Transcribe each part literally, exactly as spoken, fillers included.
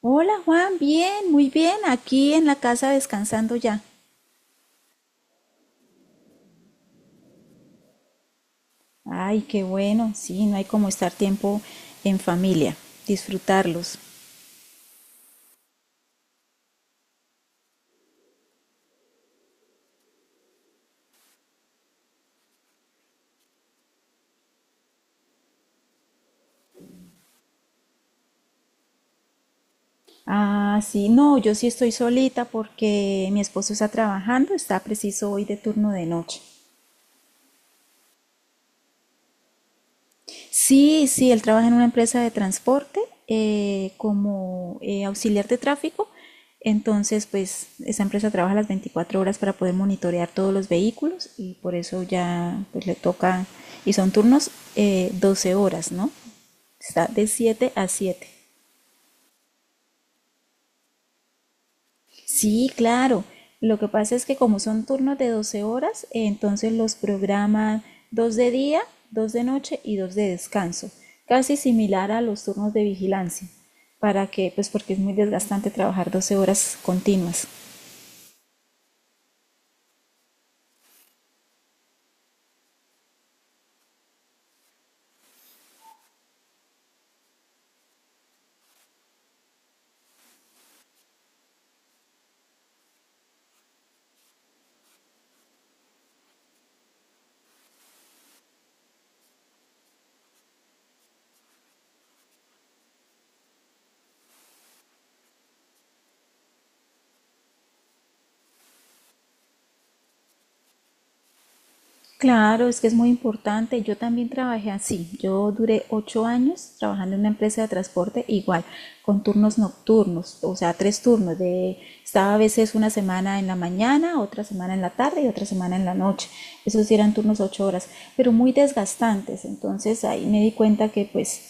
Hola, Juan, bien, muy bien, aquí en la casa descansando ya. Ay, qué bueno, sí, no hay como estar tiempo en familia, disfrutarlos. Ah, sí, no, yo sí estoy solita porque mi esposo está trabajando, está preciso hoy de turno de noche. Sí, sí, él trabaja en una empresa de transporte eh, como eh, auxiliar de tráfico. Entonces, pues esa empresa trabaja las veinticuatro horas para poder monitorear todos los vehículos y por eso ya pues, le toca, y son turnos eh, doce horas, ¿no? Está de siete a siete. Sí, claro. Lo que pasa es que como son turnos de doce horas, eh, entonces los programan dos de día, dos de noche y dos de descanso, casi similar a los turnos de vigilancia, para que, pues porque es muy desgastante trabajar doce horas continuas. Claro, es que es muy importante. Yo también trabajé así. Yo duré ocho años trabajando en una empresa de transporte igual, con turnos nocturnos, o sea, tres turnos. De, estaba a veces una semana en la mañana, otra semana en la tarde y otra semana en la noche. Esos sí eran turnos ocho horas, pero muy desgastantes. Entonces ahí me di cuenta que pues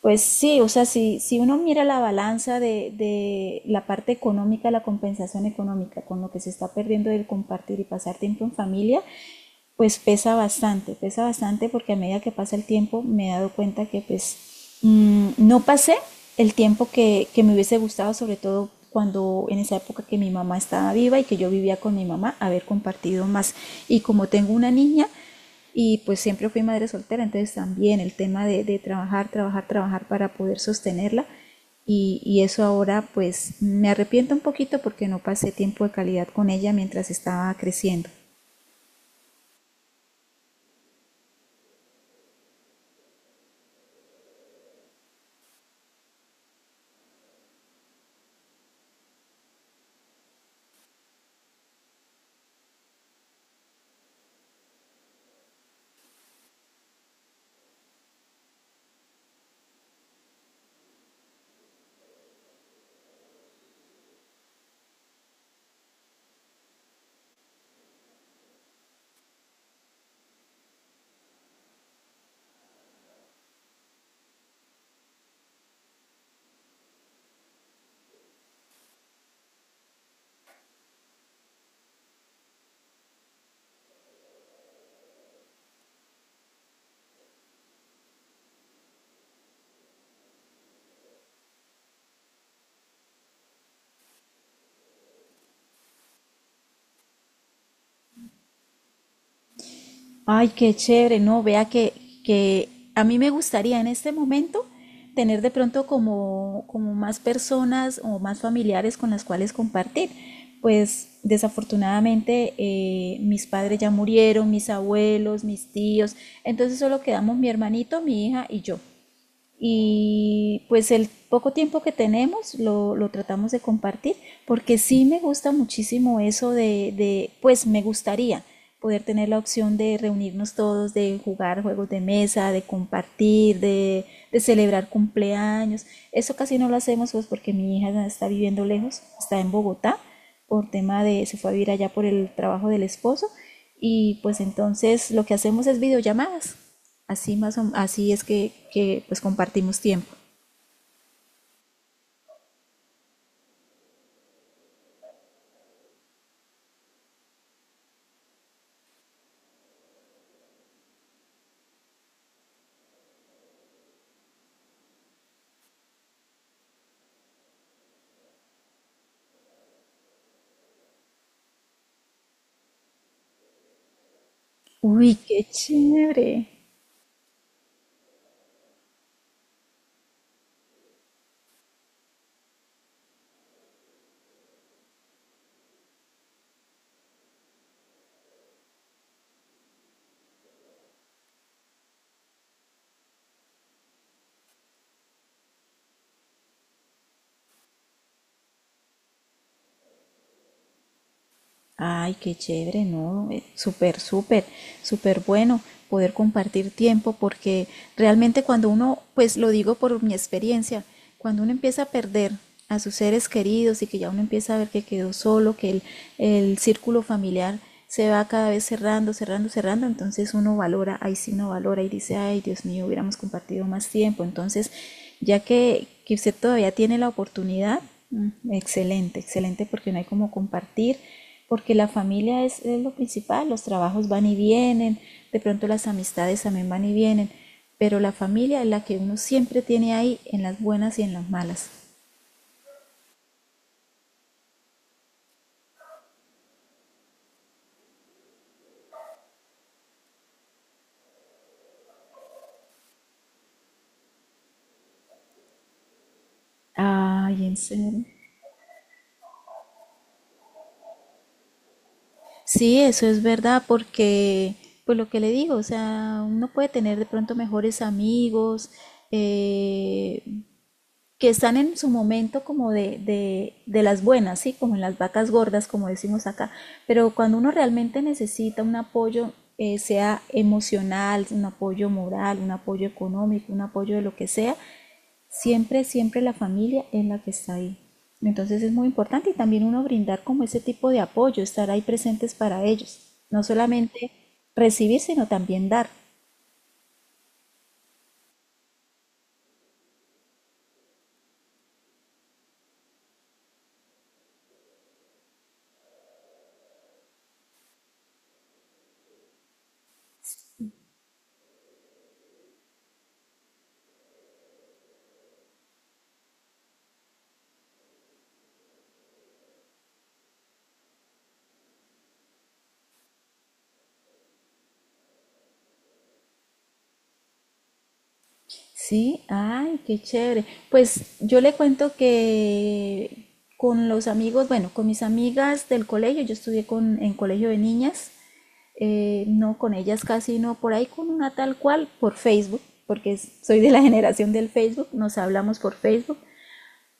pues sí, o sea, si, si uno mira la balanza de, de la parte económica, la compensación económica, con lo que se está perdiendo del compartir y pasar tiempo en familia, pues pesa bastante, pesa bastante porque a medida que pasa el tiempo me he dado cuenta que pues mm, no pasé el tiempo que, que me hubiese gustado, sobre todo cuando en esa época que mi mamá estaba viva y que yo vivía con mi mamá, haber compartido más. Y como tengo una niña, y pues siempre fui madre soltera, entonces también el tema de, de trabajar, trabajar, trabajar para poder sostenerla y, y, eso ahora pues me arrepiento un poquito porque no pasé tiempo de calidad con ella mientras estaba creciendo. Ay, qué chévere, no, vea que, que a mí me gustaría en este momento tener de pronto como, como más personas o más familiares con las cuales compartir. Pues desafortunadamente eh, mis padres ya murieron, mis abuelos, mis tíos, entonces solo quedamos mi hermanito, mi hija y yo y pues el poco tiempo que tenemos lo, lo tratamos de compartir porque sí me gusta muchísimo eso de, de, pues me gustaría poder tener la opción de reunirnos todos, de jugar juegos de mesa, de compartir, de, de celebrar cumpleaños. Eso casi no lo hacemos pues porque mi hija está viviendo lejos, está en Bogotá por tema de, se fue a vivir allá por el trabajo del esposo y pues entonces lo que hacemos es videollamadas. Así más o- así es que, que, pues compartimos tiempo. Uy, qué chévere. Ay, qué chévere, ¿no? Eh, Súper, súper, súper bueno poder compartir tiempo porque realmente cuando uno, pues lo digo por mi experiencia, cuando uno empieza a perder a sus seres queridos y que ya uno empieza a ver que quedó solo, que el, el círculo familiar se va cada vez cerrando, cerrando, cerrando, entonces uno valora, ahí sí no valora y dice, ay, Dios mío, hubiéramos compartido más tiempo, entonces ya que, que usted todavía tiene la oportunidad, mm, excelente, excelente porque no hay como compartir, porque la familia es, es, lo principal, los trabajos van y vienen, de pronto las amistades también van y vienen, pero la familia es la que uno siempre tiene ahí en las buenas y en las malas. Ay, ¿en serio? Sí, eso es verdad, porque, pues lo que le digo, o sea, uno puede tener de pronto mejores amigos, eh, que están en su momento como de, de, de las buenas, ¿sí? Como en las vacas gordas, como decimos acá, pero cuando uno realmente necesita un apoyo, eh, sea emocional, un apoyo moral, un apoyo económico, un apoyo de lo que sea, siempre, siempre la familia es la que está ahí. Entonces es muy importante y también uno brindar como ese tipo de apoyo, estar ahí presentes para ellos, no solamente recibir, sino también dar. Sí, ay, qué chévere. Pues yo le cuento que con los amigos, bueno, con mis amigas del colegio, yo estudié con, en colegio de niñas, eh, no con ellas casi, no por ahí con una tal cual por Facebook, porque es- soy de la generación del Facebook, nos hablamos por Facebook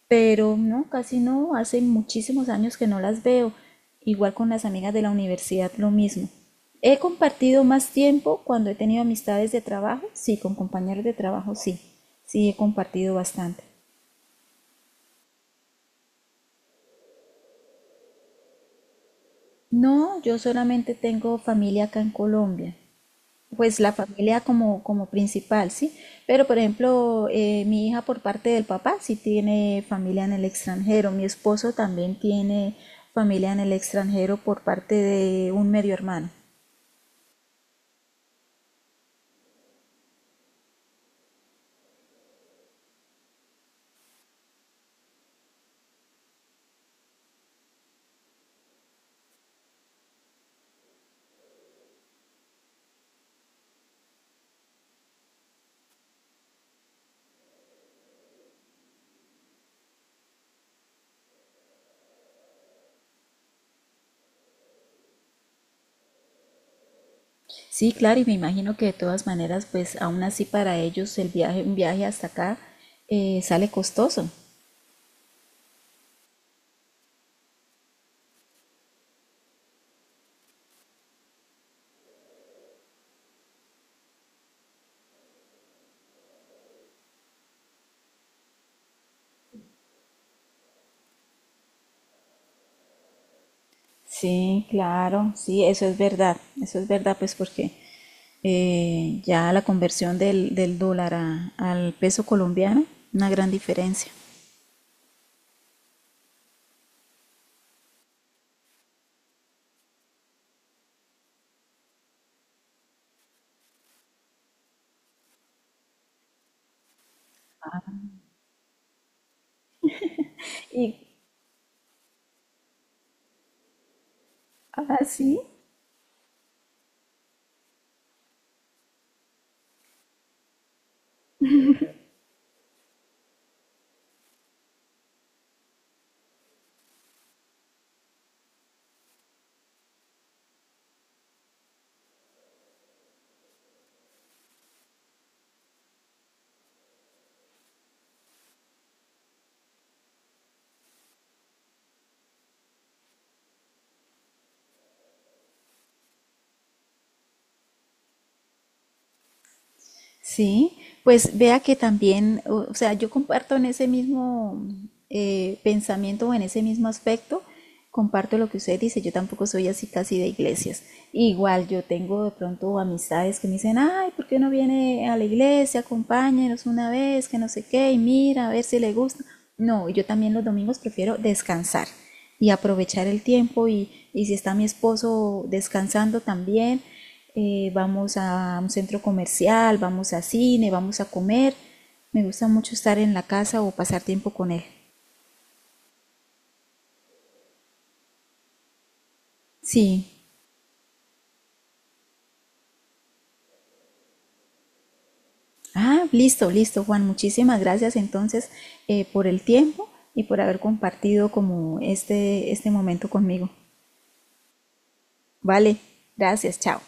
pero no, casi no, hace muchísimos años que no las veo. Igual con las amigas de la universidad, lo mismo. He compartido más tiempo cuando he tenido amistades de trabajo, sí, con compañeros de trabajo, sí, sí he compartido bastante. No, yo solamente tengo familia acá en Colombia. Pues la familia como, como principal, ¿sí? Pero por ejemplo, eh, mi hija por parte del papá sí tiene familia en el extranjero, mi esposo también tiene familia en el extranjero por parte de un medio hermano. Sí, claro, y me imagino que de todas maneras, pues aún así para ellos el viaje, un viaje hasta acá eh, sale costoso. Sí, claro, sí, eso es verdad, eso es verdad, pues porque eh, ya la conversión del, del dólar a- al peso colombiano, una gran diferencia. Y, ah, sí. Sí, pues vea que también, o o sea, yo comparto en ese mismo eh, pensamiento o en ese mismo aspecto, comparto lo que usted dice, yo tampoco soy así casi de iglesias. Igual yo tengo de pronto amistades que me dicen, ay, ¿por qué no viene a la iglesia? Acompáñenos una vez, que no sé qué, y mira, a ver si le gusta. No, yo también los domingos prefiero descansar y aprovechar el tiempo y, y si está mi esposo descansando también eh, vamos a un centro comercial, vamos a cine, vamos a comer. Me gusta mucho estar en la casa o pasar tiempo con él. Sí. Ah, listo, listo, Juan. Muchísimas gracias entonces eh, por el tiempo y por haber compartido como este, este momento conmigo. Vale, gracias, chao.